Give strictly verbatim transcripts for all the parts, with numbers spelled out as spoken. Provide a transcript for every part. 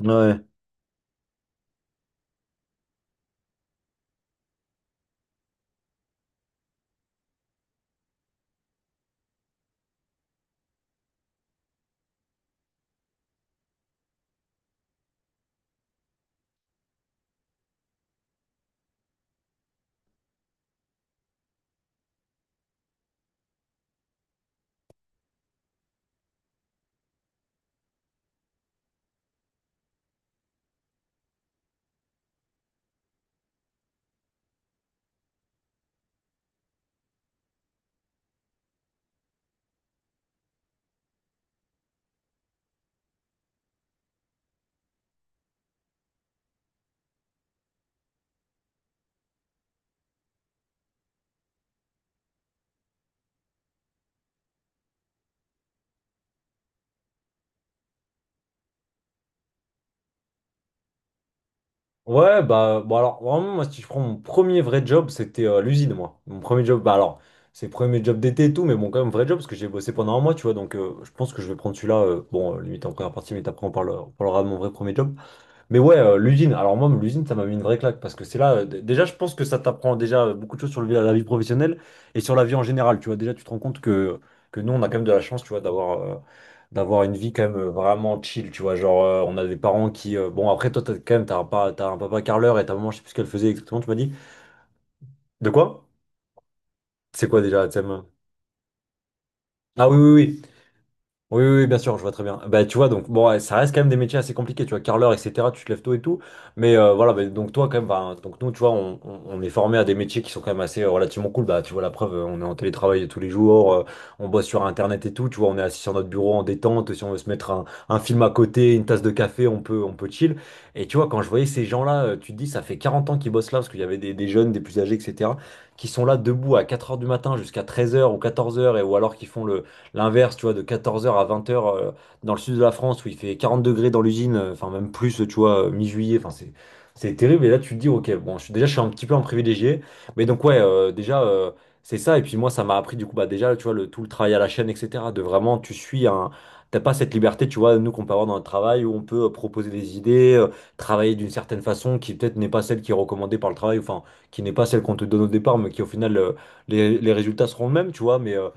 Ouais. Ouais, bah, bon, alors, vraiment, moi, si je prends mon premier vrai job, c'était euh, l'usine, moi. Mon premier job, bah, alors, c'est le premier job d'été et tout, mais bon, quand même, vrai job, parce que j'ai bossé pendant... Mais ouais, euh, l'usine, alors moi, l'usine, ça m'a mis une vraie claque parce que c'est là, euh, d- déjà, je pense que ça t'apprend déjà euh, beaucoup de choses sur le- la vie professionnelle et sur la vie en général. Tu vois, déjà, tu te rends compte que, que nous, on a quand même de la chance, tu vois, d'avoir euh, d'avoir une vie quand même euh, vraiment chill. Tu vois, genre, euh, on a des parents qui. Euh, bon, après, toi, t'as quand même, t'as un, pa- t'as un papa carleur et ta maman, je sais plus ce qu'elle faisait exactement, tu m'as dit. De quoi? C'est quoi déjà, la thème? Ah oui, oui, oui. Oui, oui, oui, bien sûr, je vois très bien. Bah, tu vois, donc, bon, ouais, ça reste quand même des métiers assez compliqués, tu vois, carreleur, et cetera, tu te lèves tôt et tout. Mais euh, voilà, bah, donc, toi, quand même, bah, donc, nous, tu vois, on, on- on est formé à des métiers qui sont quand même assez euh, relativement cool. Bah, tu vois, la preuve, euh, on est en télétravail tous les jours, euh, on bosse sur Internet et tout, tu vois, on est assis sur notre bureau en détente. Si on veut se mettre un, un film à côté, une tasse de café, on peut, on peut chill. Et tu vois, quand je voyais ces gens-là, euh, tu te dis, ça fait quarante ans qu'ils bossent là, parce qu'il y avait des, des jeunes, des plus âgés, et cetera, qui sont là debout à quatre heures du matin jusqu'à treize heures ou quatorze heures, et ou alors qui font le L'inverse, tu vois, de quatorze heures à vingt heures, euh, dans le sud de la France où il fait quarante degrés dans l'usine, euh, enfin même plus, tu vois, euh, mi-juillet, enfin c'est... c'est terrible. Et là, tu te dis, ok, bon, je suis, déjà, je suis un petit peu un privilégié. Mais donc, ouais, euh, déjà, euh, c'est ça. Et puis moi, ça m'a appris, du coup, bah déjà, tu vois, le, tout le travail à la chaîne, et cetera. De vraiment, tu suis un... T'as pas cette liberté, tu vois, nous, qu'on peut avoir dans le travail, où on peut euh, proposer des idées, euh, travailler d'une certaine façon, qui peut-être n'est pas celle qui est recommandée par le travail, enfin, qui n'est pas celle qu'on te donne au départ, mais qui, au final... euh, les, les résultats seront les mêmes, tu vois, mais... euh,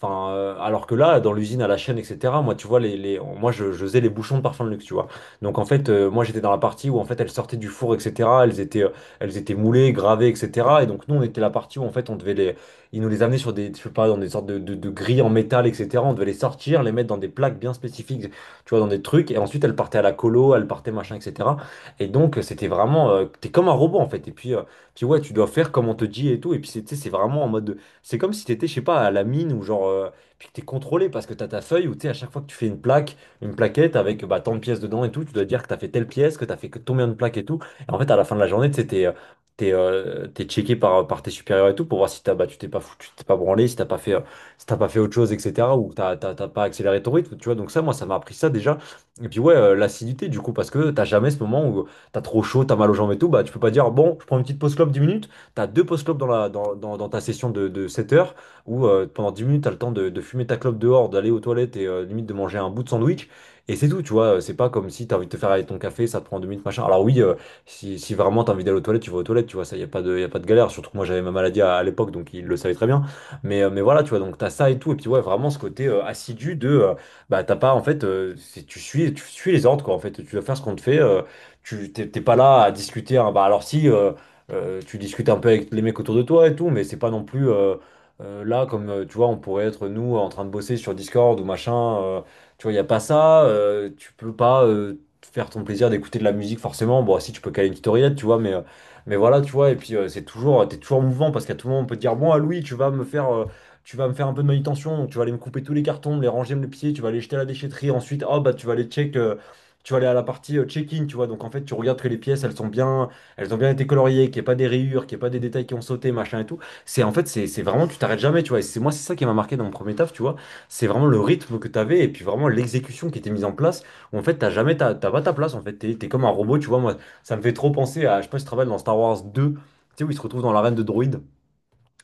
Enfin, euh, alors que là, dans l'usine à la chaîne, et cetera, moi, tu vois, les, les- moi, je, je faisais les bouchons de parfum de luxe, tu vois. Donc, en fait, euh, moi, j'étais dans la partie où, en fait, elles sortaient du four, et cetera. Elles étaient, euh, elles étaient moulées, gravées, et cetera. Et donc, nous, on était la partie où, en fait, on devait les... Ils nous les amenaient sur des, je sais pas, dans des sortes de, de, de grilles en métal, et cetera. On devait les sortir, les mettre dans des plaques bien spécifiques, tu vois, dans des trucs. Et ensuite, elles partaient à la colo, elles partaient machin, et cetera. Et donc, c'était vraiment... euh, t'es comme un robot, en fait. Et puis, euh, puis ouais, tu dois faire comme on te dit et tout. Et puis, c'est- tu sais, c'est vraiment en mode... C'est comme si t'étais, je sais pas, à la mine ou genre, euh, puis que t'es contrôlé parce que t'as ta feuille où tu sais, à chaque fois que tu fais une plaque, une plaquette avec bah, tant de pièces dedans et tout, tu dois dire que t'as fait telle pièce, que t'as fait que combien de plaques et tout. Et en fait, à la fin de la journée, tu sais, t'es, euh, t'es, euh, t'es checké par, par tes supérieurs et tout pour voir si t'as, bah, tu t'es pas foutu, tu t'es pas branlé, si t'as pas fait, euh, si t'as pas fait autre chose, et cetera ou t'as t'as- t'as pas accéléré ton rythme, tu vois. Donc ça, moi, ça m'a appris ça déjà. Et puis ouais, euh, l'acidité du coup, parce que t'as jamais ce moment où t'as trop chaud, t'as mal aux jambes et tout, bah tu peux pas dire, bon, je prends une petite pause clope dix minutes. Tu as deux post-clopes dans, la- dans, dans- dans ta session de, de sept heures où euh, pendant dix minutes, tu as le temps de, de fumer ta clope dehors, d'aller aux toilettes et euh, limite de manger un bout de sandwich. Et c'est tout, tu vois. C'est pas comme si tu as envie de te faire avec ton café, ça te prend deux minutes, machin. Alors oui, euh, si, si vraiment tu as envie d'aller aux toilettes, tu vas aux toilettes, tu vois. Ça, il n'y a pas de, y a pas de galère. Surtout que moi, j'avais ma maladie à, à l'époque, donc il le savait très bien. Mais, euh, mais voilà, tu vois, donc tu as ça et tout. Et puis ouais, vraiment ce côté euh, assidu de... euh, bah t'as pas en fait, euh, c'est- tu suis, tu suis les ordres quoi en fait, tu vas faire ce qu'on te fait. euh, tu t'es t'es pas là à discuter, hein. Bah alors si, euh, euh, tu discutes un peu avec les mecs autour de toi et tout, mais c'est pas non plus, euh, euh, là comme, euh, tu vois, on pourrait être nous en train de bosser sur Discord ou machin. euh, tu vois, il n'y a pas ça. euh, tu peux pas, euh, te faire ton plaisir d'écouter de la musique forcément. Bon, si tu peux caler une tutoriel, tu vois, mais, euh, mais voilà, tu vois, et puis euh, c'est toujours, t'es toujours mouvant parce qu'à tout moment on peut te dire, bon, ah, Louis, tu vas me faire... euh, tu vas me faire un peu de manutention, donc tu vas aller me couper tous les cartons, me les ranger, me les pieds, tu vas aller jeter à la déchetterie, ensuite, oh bah tu vas aller check, euh, tu vas aller à la partie, euh, check-in, tu vois, donc en fait tu regardes que les pièces elles sont bien, elles ont bien été coloriées, qu'il n'y ait pas des rayures, qu'il n'y ait pas des détails qui ont sauté, machin et tout. C'est en fait, c'est c'est vraiment, tu t'arrêtes jamais, tu vois. Et c'est moi, c'est ça qui m'a marqué dans mon premier taf, tu vois. C'est vraiment le rythme que tu avais et puis vraiment l'exécution qui était mise en place. Où en fait, t'as jamais, ta- t'as pas ta place. En fait, t'es t'es comme un robot, tu vois. Moi, ça me fait trop penser à, je sais pas si tu te rappelles, dans Star Wars deux, tu sais, où ils se retrouvent dans l'arène de droïdes.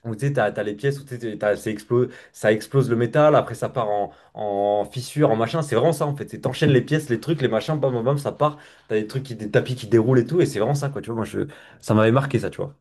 Où tu sais, t'as, t'as les pièces où tu sais, t'as- c'est explo- ça explose le métal, après ça part en, en fissure, en machin. C'est vraiment ça en fait. C'est t'enchaînes les pièces, les trucs, les machins, bam bam bam, ça part. T'as des trucs, qui, des tapis qui déroulent et tout. Et c'est vraiment ça quoi, tu vois. Moi, je, ça m'avait marqué ça, tu vois.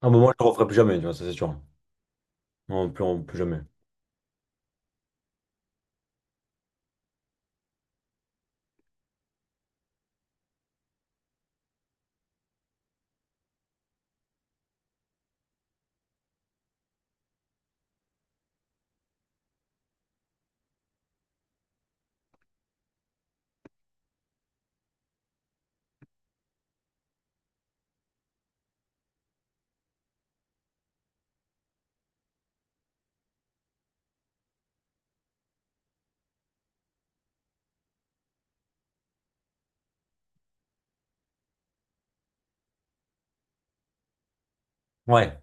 Un moment, je le referai plus jamais, tu vois, ça c'est sûr. Non, plus, plus jamais. Ouais.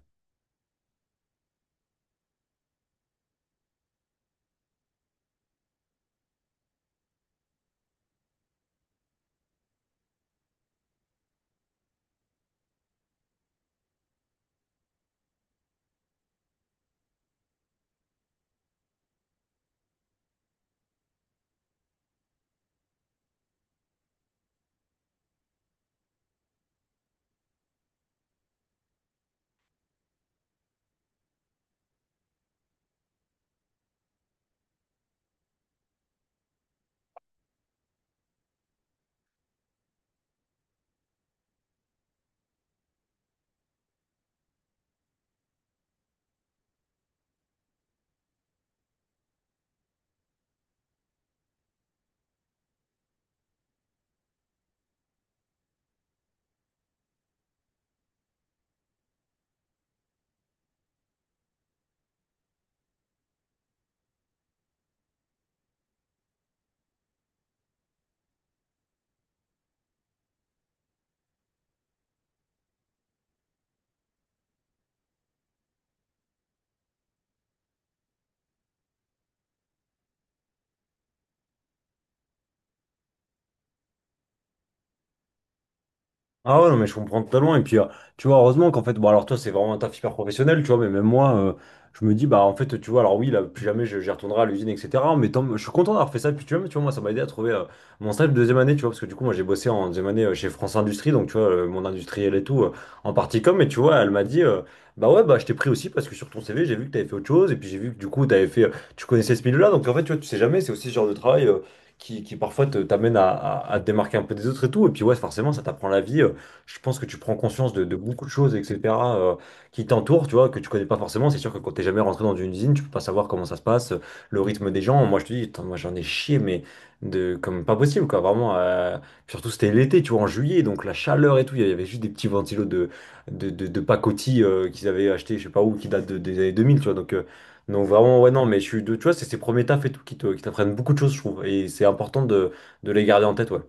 Ah ouais, non, mais je comprends totalement. Et puis, euh, tu vois, heureusement qu'en fait, bon, alors toi, c'est vraiment un taf hyper professionnel, tu vois, mais même moi, euh, je me dis, bah, en fait, tu vois, alors oui, là, plus jamais je- j'y retournerai à l'usine, et cetera. Mais tant, je suis content d'avoir fait ça. Puis, tu vois, tu vois, moi, ça m'a aidé à trouver euh, mon stage de deuxième année, tu vois, parce que du coup, moi, j'ai bossé en deuxième année euh, chez France Industrie, donc, tu vois, euh, mon industriel et tout, euh, en partie com. Et tu vois, elle m'a dit, euh, bah ouais, bah, je t'ai pris aussi parce que sur ton C V, j'ai vu que t'avais fait autre chose. Et puis, j'ai vu que du coup, t'avais fait, euh, tu connaissais ce milieu-là. Donc, en fait, tu vois, tu sais jamais, c'est aussi ce genre de travail euh, qui, qui parfois te- t'amène à, à, à te démarquer un peu des autres et tout. Et puis ouais, forcément, ça t'apprend la vie. euh, je pense que tu prends conscience de, de beaucoup de choses, et cetera, euh, qui t'entourent, tu vois, que tu connais pas forcément. C'est sûr que quand t'es jamais rentré dans une usine, tu peux pas savoir comment ça se passe, euh, le rythme des gens. Moi, je te dis, attends, moi, j'en ai chié, mais de, comme pas possible, quoi, vraiment. euh, surtout, c'était l'été, tu vois, en juillet, donc la chaleur et tout. Il y avait juste des petits ventilos de, de, de, de pacotille, euh, qu'ils avaient acheté, je sais pas où, qui datent de- des années deux mille, tu vois. Donc, euh, donc vraiment, ouais, non, mais je suis, de- tu vois, c'est ces premiers tafs et tout qui te- qui t'apprennent beaucoup de choses, je trouve. Et c'est important de, de les garder en tête, ouais.